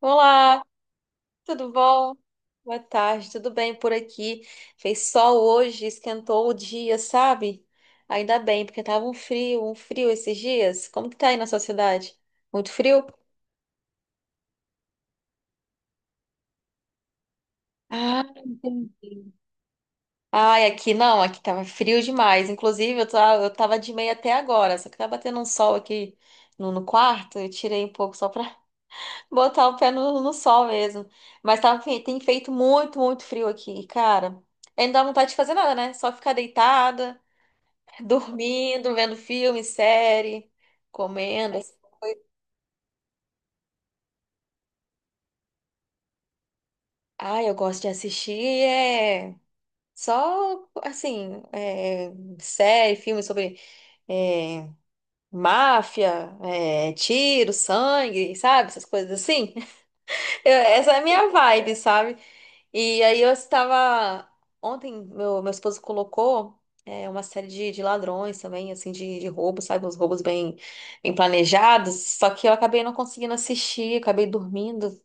Olá, tudo bom? Boa tarde, tudo bem por aqui? Fez sol hoje, esquentou o dia, sabe? Ainda bem, porque tava um frio esses dias. Como que tá aí na sua cidade? Muito frio? Ah, entendi. Ai, aqui não, aqui tava frio demais. Inclusive, eu tava de meia até agora, só que tá batendo um sol aqui no quarto, eu tirei um pouco só pra botar o pé no sol mesmo. Mas tá, tem feito muito, muito frio aqui, cara. Aí não dá vontade de fazer nada, né? Só ficar deitada, dormindo, vendo filme, série, comendo, essas coisas. Ai, eu gosto de assistir, é. Só, assim, é, série, filme sobre é, máfia, é, tiro, sangue, sabe? Essas coisas assim. Essa é a minha vibe, sabe? E aí eu estava. Ontem, meu esposo colocou é, uma série de ladrões também, assim, de roubos, sabe? Uns roubos bem, bem planejados. Só que eu acabei não conseguindo assistir, acabei dormindo.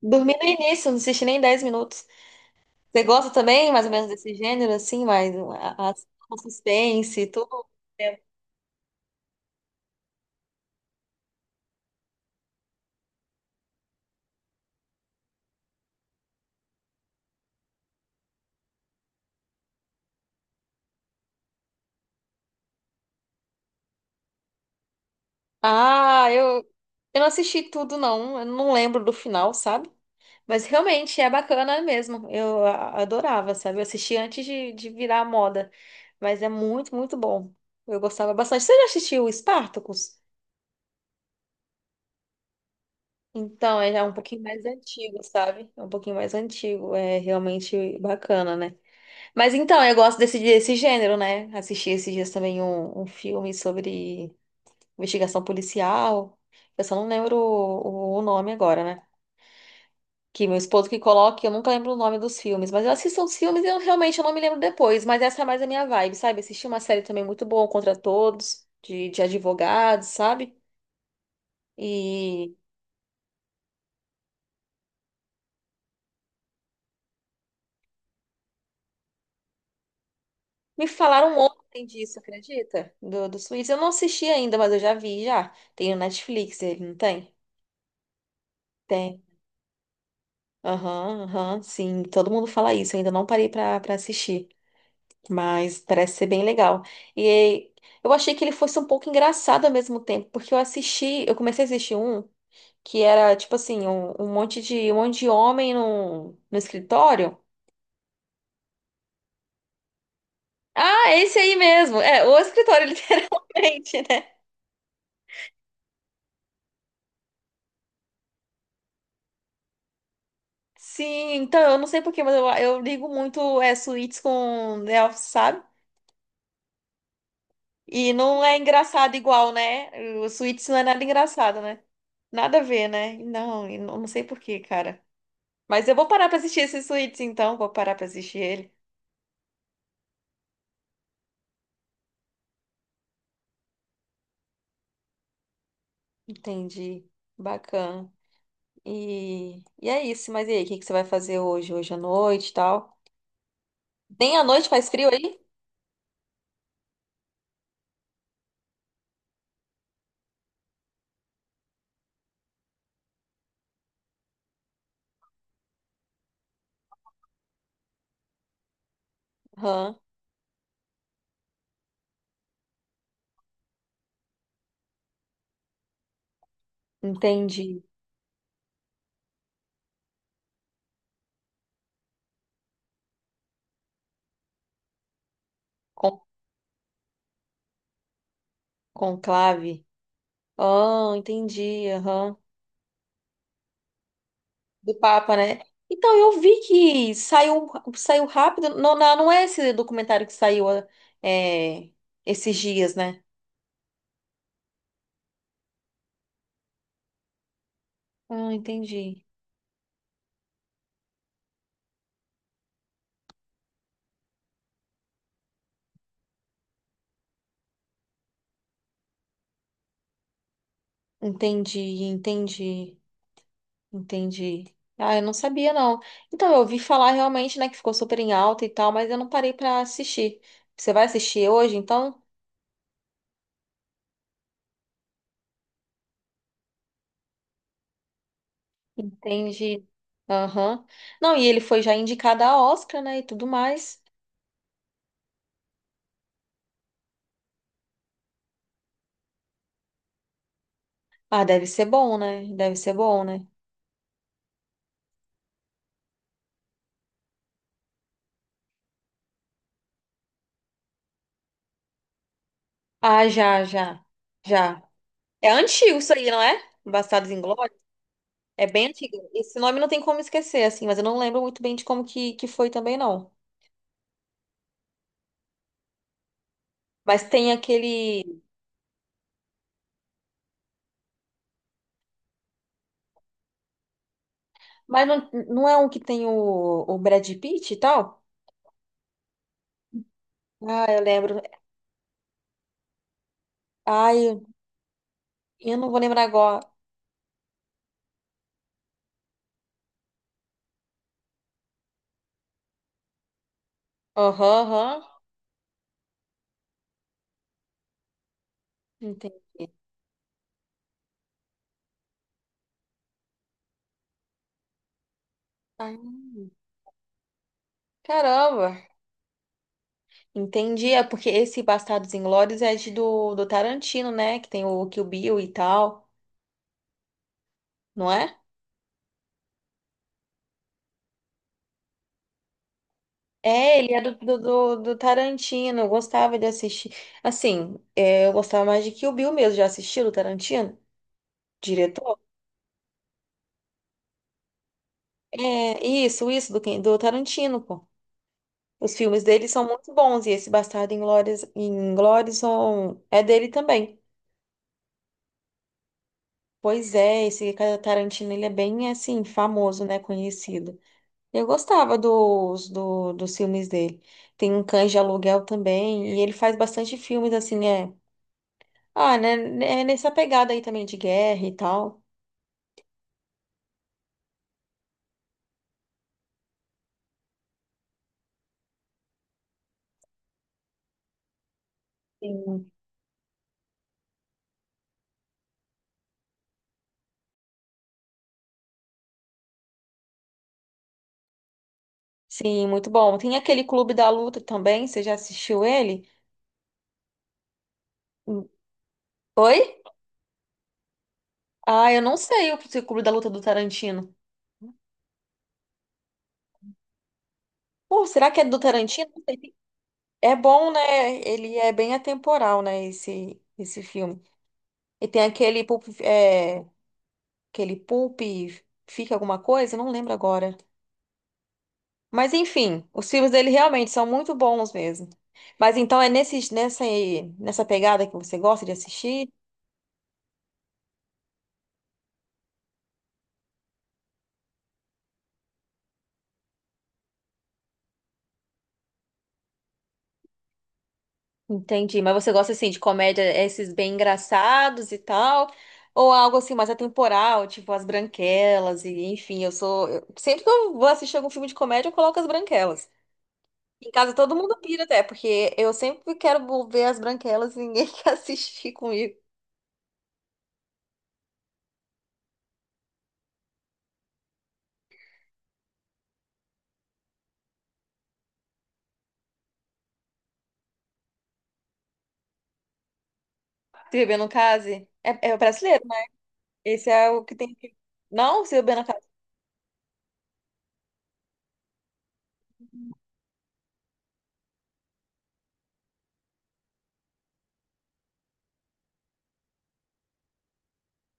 Dormi no início, não assisti nem 10 minutos. Você gosta também, mais ou menos, desse gênero, assim, mais a, o suspense e tudo? Ah, eu não assisti tudo, não. Eu não lembro do final, sabe? Mas realmente é bacana mesmo. Eu adorava, sabe? Eu assisti antes de virar moda. Mas é muito, muito bom. Eu gostava bastante. Você já assistiu o Spartacus? Então, é já um pouquinho mais antigo, sabe? É um pouquinho mais antigo. É realmente bacana, né? Mas então, eu gosto desse gênero, né? Assisti esses dias também um filme sobre investigação policial. Eu só não lembro o nome agora, né? Que meu esposo que coloca, eu nunca lembro o nome dos filmes, mas eu assisto os filmes e eu realmente eu não me lembro depois, mas essa é mais a minha vibe, sabe? Assisti uma série também muito boa, Contra Todos, de advogados, sabe? E me falaram ontem disso, acredita? Do Suíça. Eu não assisti ainda, mas eu já vi, já. Tem no Netflix, ele não tem? Tem. Aham, aham, sim. Todo mundo fala isso, eu ainda não parei pra assistir. Mas parece ser bem legal. E eu achei que ele fosse um pouco engraçado ao mesmo tempo, porque eu assisti, eu comecei a assistir um. Que era tipo assim, um monte de homem no escritório. Ah, é esse aí mesmo. É, o escritório, literalmente, né? Sim, então eu não sei por quê, mas eu ligo muito é, suítes com The Office, sabe? E não é engraçado igual, né? O suítes não é nada engraçado, né? Nada a ver, né? Não, e não não sei por quê, cara. Mas eu vou parar pra assistir esse suítes, então. Vou parar pra assistir ele. Entendi. Bacana. E é isso. Mas e aí, o que que você vai fazer hoje, hoje à noite e tal? Nem à noite faz frio aí? Aham, entendi. Con Conclave. Ah, entendi. Aham. Do Papa, né? Então, eu vi que saiu, saiu rápido. Não, não, não é esse documentário que saiu é, esses dias, né? Ah, entendi. Entendi, entendi. Entendi. Ah, eu não sabia, não. Então, eu ouvi falar realmente, né, que ficou super em alta e tal, mas eu não parei pra assistir. Você vai assistir hoje, então? Entendi. Aham. Não, e ele foi já indicado a Oscar, né, e tudo mais. Ah, deve ser bom, né? Deve ser bom, né? Ah, já, já, já. É antigo isso aí, não é? Bastardos Inglórios? É bem antigo. Esse nome não tem como esquecer, assim, mas eu não lembro muito bem de como que foi também, não. Mas tem aquele. Mas não, não é um que tem o Brad Pitt e tal? Ah, eu lembro. Ai, eu não vou lembrar agora. Aham, aham. Entendi. Ah, caramba. Entendi. É porque esse Bastardos Inglórios é de do Tarantino, né? Que tem o Kill Bill e tal, não é? É, ele é do Tarantino. Eu gostava de assistir. Assim, é, eu gostava mais de Kill Bill mesmo. Já assistiu o Tarantino? Diretor? É, isso, do Tarantino, pô. Os filmes dele são muito bons e esse Bastardo Inglórias, Inglórious é dele também. Pois é, esse Tarantino ele é bem assim famoso, né, conhecido. Eu gostava dos filmes dele. Tem um Cães de Aluguel também e ele faz bastante filmes assim, é. Ah, né, é nessa pegada aí também de guerra e tal. Sim. Sim, muito bom. Tem aquele Clube da Luta também, você já assistiu ele? Oi? Ah, eu não sei o Clube da Luta é do Tarantino. Pô, será que é do Tarantino? É bom, né? Ele é bem atemporal, né? Esse filme. E tem aquele Pulp, é, aquele Pulp Fica Alguma Coisa? Não lembro agora. Mas enfim, os filmes dele realmente são muito bons mesmo. Mas então é nesse, nessa pegada que você gosta de assistir? Entendi. Mas você gosta assim de comédia, esses bem engraçados e tal? Ou algo assim mais atemporal, tipo As Branquelas e enfim, eu sou. Sempre que eu vou assistir algum filme de comédia, eu coloco As Branquelas. Em casa todo mundo pira até, porque eu sempre quero ver as branquelas e ninguém quer assistir comigo. Se beber no case? É, é brasileiro, né? Esse é o que tem que. Não, se beber no case.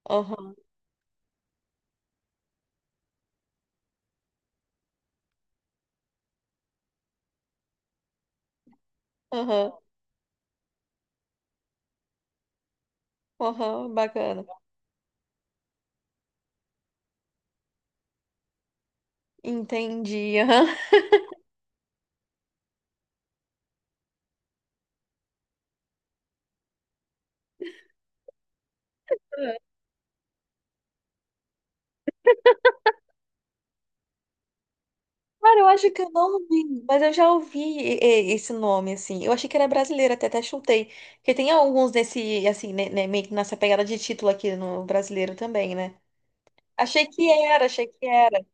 Aham, aham, aham, bacana. Entendi. Aham. Cara, eu acho que eu não vi, mas eu já ouvi esse nome, assim. Eu achei que era brasileiro, até chutei. Porque tem alguns desse, assim, né, meio que nessa pegada de título aqui no brasileiro também, né? Achei que era.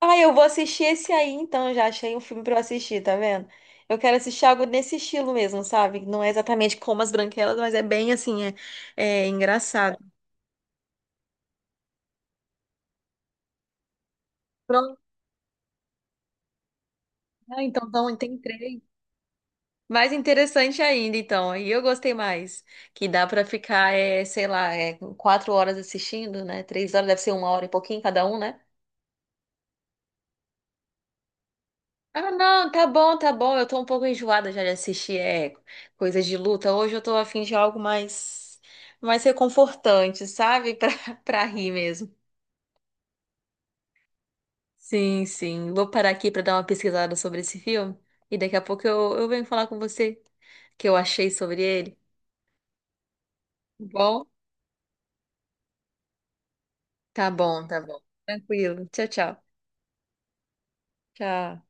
Ah, eu vou assistir esse aí então, já achei um filme pra eu assistir, tá vendo? Eu quero assistir algo nesse estilo mesmo, sabe? Não é exatamente como As Branquelas, mas é bem assim, é, é engraçado. Pronto, ah, então, então tem três. Mais interessante ainda, então. E eu gostei mais. Que dá pra ficar, é, sei lá, é, 4 horas assistindo, né? 3 horas, deve ser 1 hora e pouquinho cada um, né? Ah, não, tá bom, tá bom. Eu tô um pouco enjoada já de assistir é, coisas de luta. Hoje eu tô a fim de algo mais, mais reconfortante, sabe? Pra, pra rir mesmo. Sim, sim. Vou parar aqui pra dar uma pesquisada sobre esse filme. E daqui a pouco eu venho falar com você o que eu achei sobre ele. Tá bom? Tá bom, tá bom. Tranquilo. Tchau, tchau. Tchau.